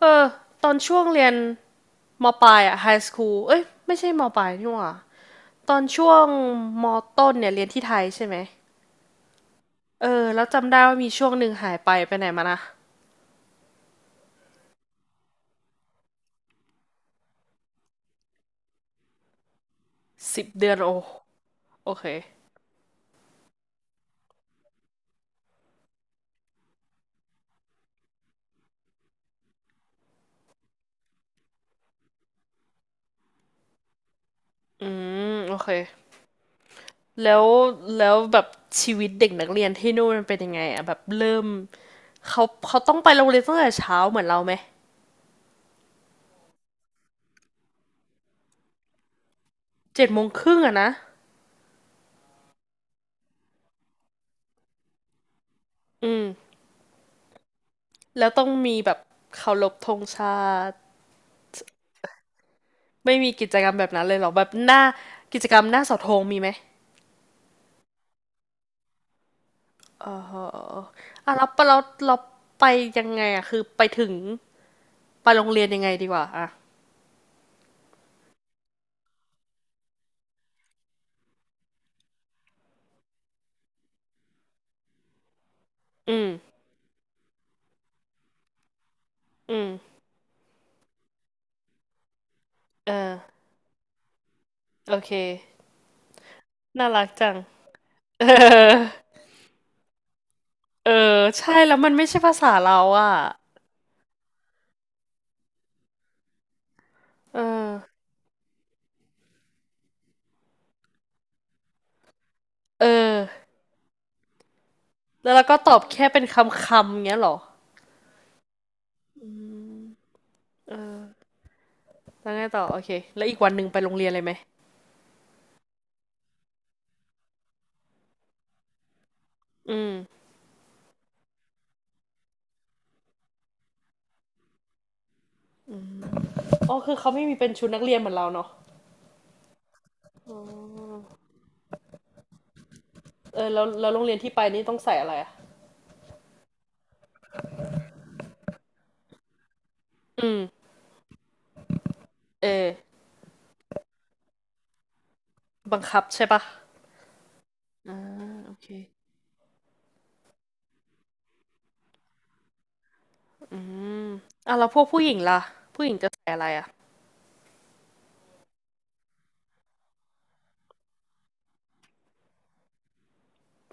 เออตอนช่วงเรียนมปลายอะไฮสคูลเอ้ยไม่ใช่มปลายนี่หว่าตอนช่วงมต้นเนี่ยเรียนที่ไทยใช่ไหมเออแล้วจำได้ว่ามีช่วงหนึ่งหายไปไปไหนมานะสิบเดือนโอโอเคอืมโอเคแล้วแบบชีวิตเด็กนักเรียนที่นู่นมันเป็นยังไงอะแบบเริ่มเขาเขาต้องไปโรงเรียนตั้งแต่เช้าเหมือนเราไหมเจ็ดโมงครึ่งอะนะอืมแล้วต้องมีแบบเคารพธงชาติ ไม่มีกิจกรรมแบบนั้นเลยเหรอแบบหน้ากิจกรรมหน้าเสาธงมีไหมเอออ่ะแล้วเราไปยังไงอ่ะคือไปถึงไปโรงเรียนยังไงดีกว่าอ่ะอืมอืมเออโอเคน่ารักจังเออเออใช่แล้วมันไม่ใช่ภาษาเราอ่ะเออเออแล้วเราก็ตอบแค่เป็นคำคำเงี้ยเหรออืมเออแล้วไงต่อโอเคแล้วอีกวันหนึ่งไปโรงเรียนเลยไหมอืมอ๋อคือเขาไม่มีเป็นชุดนักเรียนเหมือนเราเนาะอ๋อ เออแล้วโรงเรียนที่ไปนี่ต้องใส่อะไรอ่ะอืมเออบังคับใช่ปะอ่าโอเคอืมอ่ะแล้วพวกผู้หญิงล่ะผู้หญิงจะใส่อะไรอ่ะ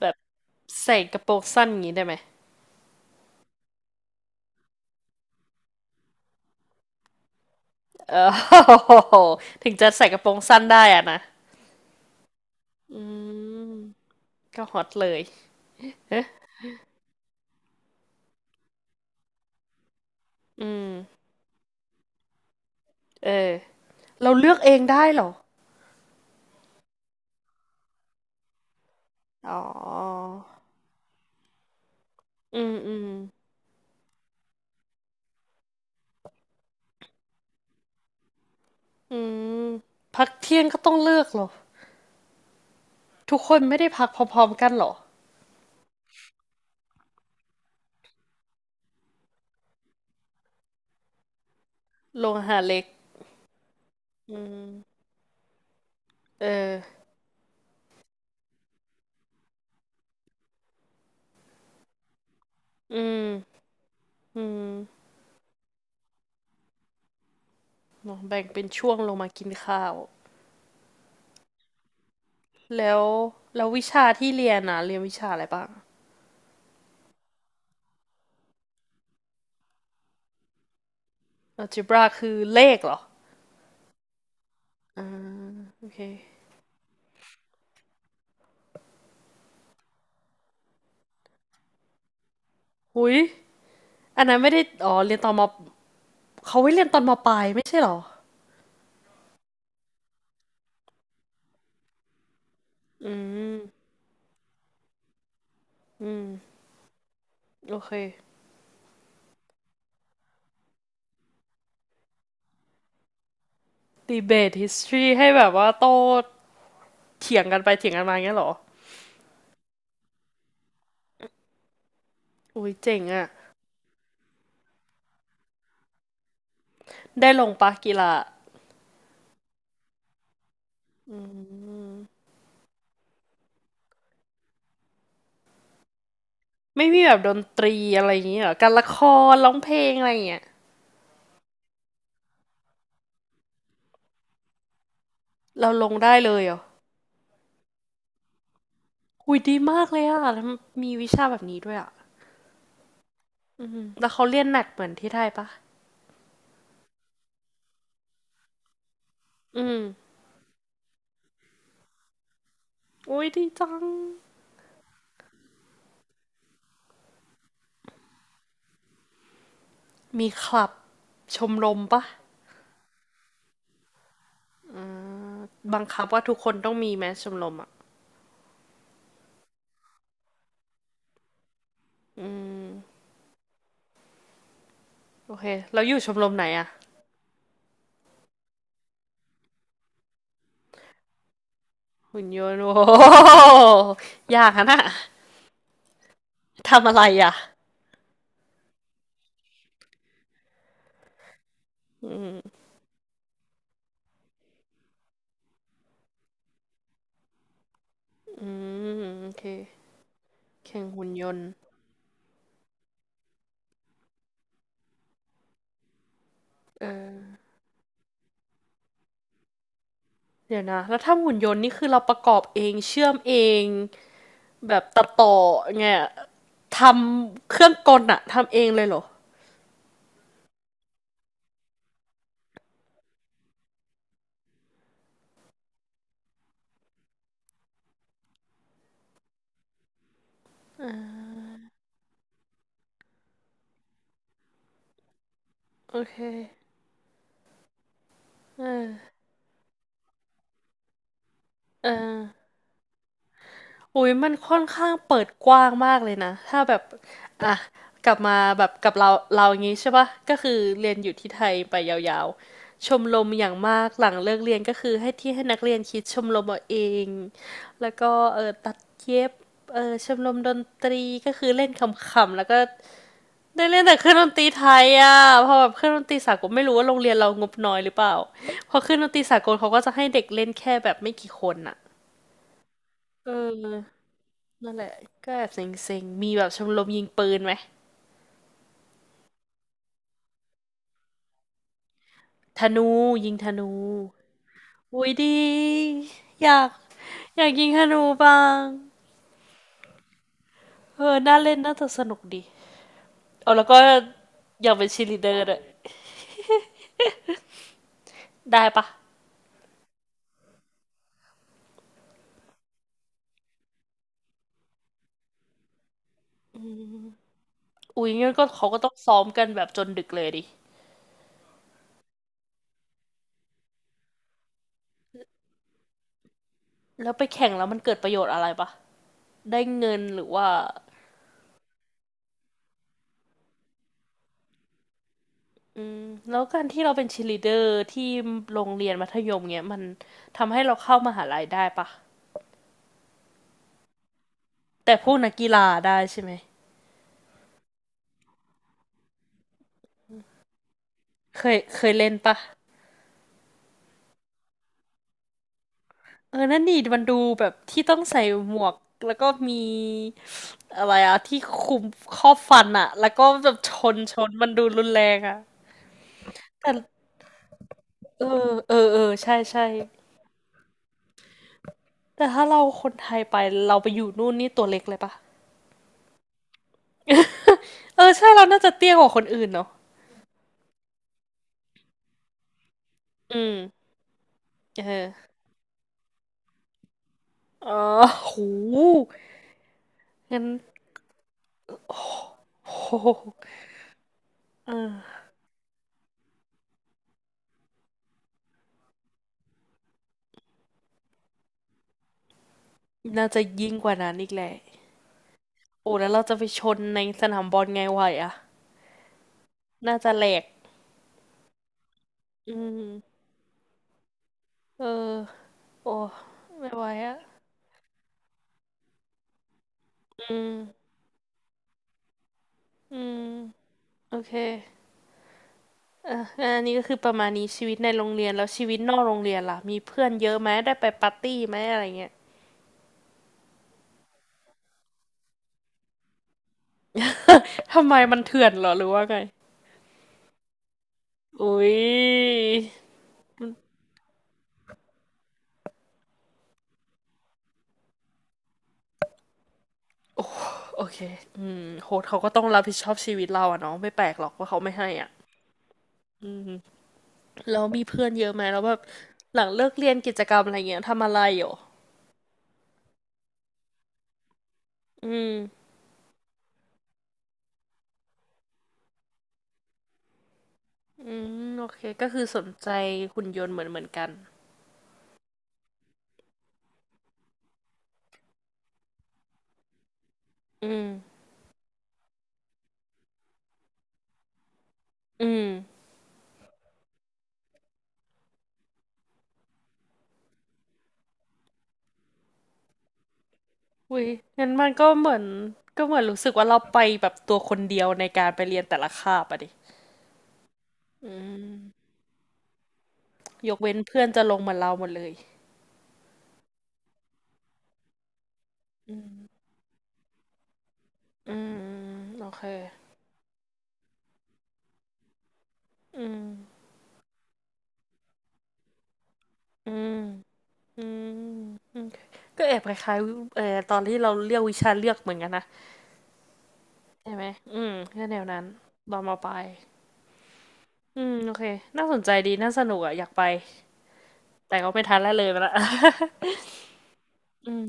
แบบใส่กระโปรงสั้นอย่างนี้ได้ไหมเออ ถึงจะใส่กระโปรงสั้นได้อ่ะนะอืมก็ฮอตเลยเอ๊ะอืมเออเราเลือกเองได้เหรออ๋ออืมอืมอืมพักเที่ยงก็ต้องเลือกเหรอทุกคนไม่ได้พักพร้อมๆกันเหรอโรงอาหารเล็กอืม เอออืมอืมเนอะแบ่งเป็นช่วงลงมากินข้าว แล้ว แล้ววิชาที่เรียนนะเรียนวิชาอะไรบ้าง algebra คือเลขเหรออ่าโอเคหุยอันนั้นไม่ได้อ๋อเรียนตอนมเขาไว้เรียนตอนมปลายไม่ใช่เหรอ อืมอืมโอเค debate history ให้แบบว่าโต้เถียงกันไปเถียงกันมาอย่างเงี้ยเหรอ อุ้ยเจ๋งอะได้ลงปะกีฬาไม่มีแบบดนตรีอะไรอย่างเงี้ยเหรอการละครร้องเพลงอะไรอย่างเงี้ย เราลงได้เลยเหรอหุยดีมากเลยอ่ะแล้วมีวิชาแบบนี้ด้วยอ่ะอืมแล้วเขาเรียนแนดเหมือนที่ไทยปะอืมอุ้ยดีจังมีคลับชมรมปะอ่าบังคับว่าทุกคนต้องมีแมสชมรมอ่ะอืมโอเคแล้วอยู่ชมรมไหนอ่ะหุ่นยนต์โอ้โหยากอะนะทำอะไรอ่ะอืมอืมโอเคแข่งหุ่นยนต์เออเดี๋ยวนะแล้วถ้าหุ่นยนต์นี่คือเราประกอบเองเชื่อมเอง แบบตัดต่อไงอะทำเครื่องกลอะทำเองเลยเหรอโอเคเออเอออุ้ยมันค่อนข้างเปิดกว้างมากเลยนะถ้าแบบอ่ะกลับมาแบบกับเราเราอย่างงี้ใช่ปะก็คือเรียนอยู่ที่ไทยไปยาวๆชมรมอย่างมากหลังเลิกเรียนก็คือให้ที่ให้นักเรียนคิดชมรมเอาเองแล้วก็เออตัดเย็บเออชมรมดนตรีก็คือเล่นคำๆแล้วก็ ได้เล่นแต่เครื่องดนตรีไทยอ่ะพอแบบเครื่องดนตรีสากลไม่รู้ว่าโรงเรียนเรางบน้อยหรือเปล่าเพอเครื่องดนตรีสากลเขาก็จะให้เด็กเล่นแค่แบบไม่กี่คนอ่ะเออนั่นแหละก็แอบเซ็งๆมีแบบชมรมยิงปืนไหมธนูยิงธนูอุ้ยดีอยากอยากยิงธนูบ้างเออน่าเล่นน่าจะสนุกดีเอาแล้วก็อยากเป็นชีลีเดอร์ด้วยได้ปะอุ้ยงั้นก็เขาก็ต้องซ้อมกันแบบจนดึกเลยดิแล้วไปแข่งแล้วมันเกิดประโยชน์อะไรปะ ได้เงินหรือว่าอืมแล้วการที่เราเป็นชีลีเดอร์ที่โรงเรียนมัธยมเนี้ยมันทำให้เราเข้ามหาลัยได้ปะแต่พวกนักกีฬาได้ใช่ไหมเคยเล่นปะเออนั่นนี่มันดูแบบที่ต้องใส่หมวกแล้วก็มีอะไรอะที่คุมครอบฟันอะแล้วก็แบบชนมันดูรุนแรงอะแต่เออเออเออใช่ใช่แต่ถ้าเราคนไทยไปเราไปอยู่นู่นนี่ตัวเล็กเลยปะเออใช่เราน่าจะเตี้ยกว่าคนอื่นเนาะอืมเออ อ๋อโหงั้น โหเออน่าจะยิ่งกว่านั้นอีกแหละโอ้แล้วเราจะไปชนในสนามบอลไงไหวอะน่าจะแหลกอืมเออโอ้ไม่ไหวอะอืมอืมโอเคอ่ะอันนี้ก็คือประมาณนี้ชีวิตในโรงเรียนแล้วชีวิตนอกโรงเรียนล่ะมีเพื่อนเยอะไหมได้ไปปาร์ตี้ไหมอะไรเงี้ยทำไมมันเถื่อนเหรอหรือว่าไงอุ๊ยโอเคอืมโฮสต์เขาก็ต้องรับผิดชอบชีวิตเราอะเนาะไม่แปลกหรอกว่าเขาไม่ให้อ่ะ อืมแล้วมีเพื่อนเยอะไหมแล้วแบบหลังเลิกเรียนกิจกรรมอะไรเงี้ยทำอะไรอยูออืมอืมโอเคก็คือสนใจหุ่นยนต์เหมือนเหมือนกันอืมอืมอุ้ยงั้นมันก็เหมือนก็เหมือนรู้สึกว่าเราไปแบบตัวคนเดียวในการไปเรียนแต่ละคาบอะดิอืมยกเว้นเพื่อนจะลงเหมือนเราหมดเลยอืมอืมโอเคอืมอืมอืมโอเคก็แอบคล้ายๆตอนที่เราเรียกวิชาเลือกเหมือนกันนะ ใช่ไหม อืมแค่แนวนั้นตอนมปลายอืม โอเคน่าสนใจดีน่าสนุกอะอยากไป แต่ก็ไม่ทันแล้วเลยไปละ อืม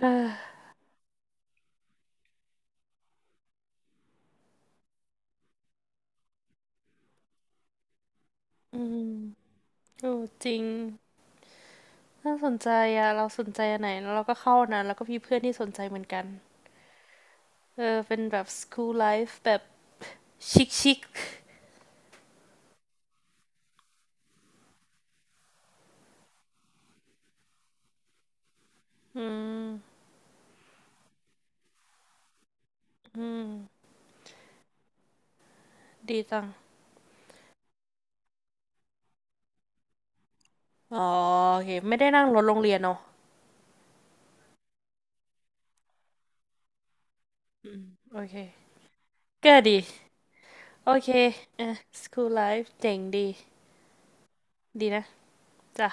เอออืมโอ้จริงน่าสนใจอะเราสนใจอันไหนแล้วเราก็เข้าอันนั้นแล้วก็มีเพื่อนที่สนใจเหมือนกันเออเป็นแบบ school life แบบชิคชิคอืมอืมดีจังอ๋อโอเคไม่ได้นั่งรถโรงเรียนเนาะโอเคก็ดีโอเคเออ school life เจ๋งดีดีนะจ้ะ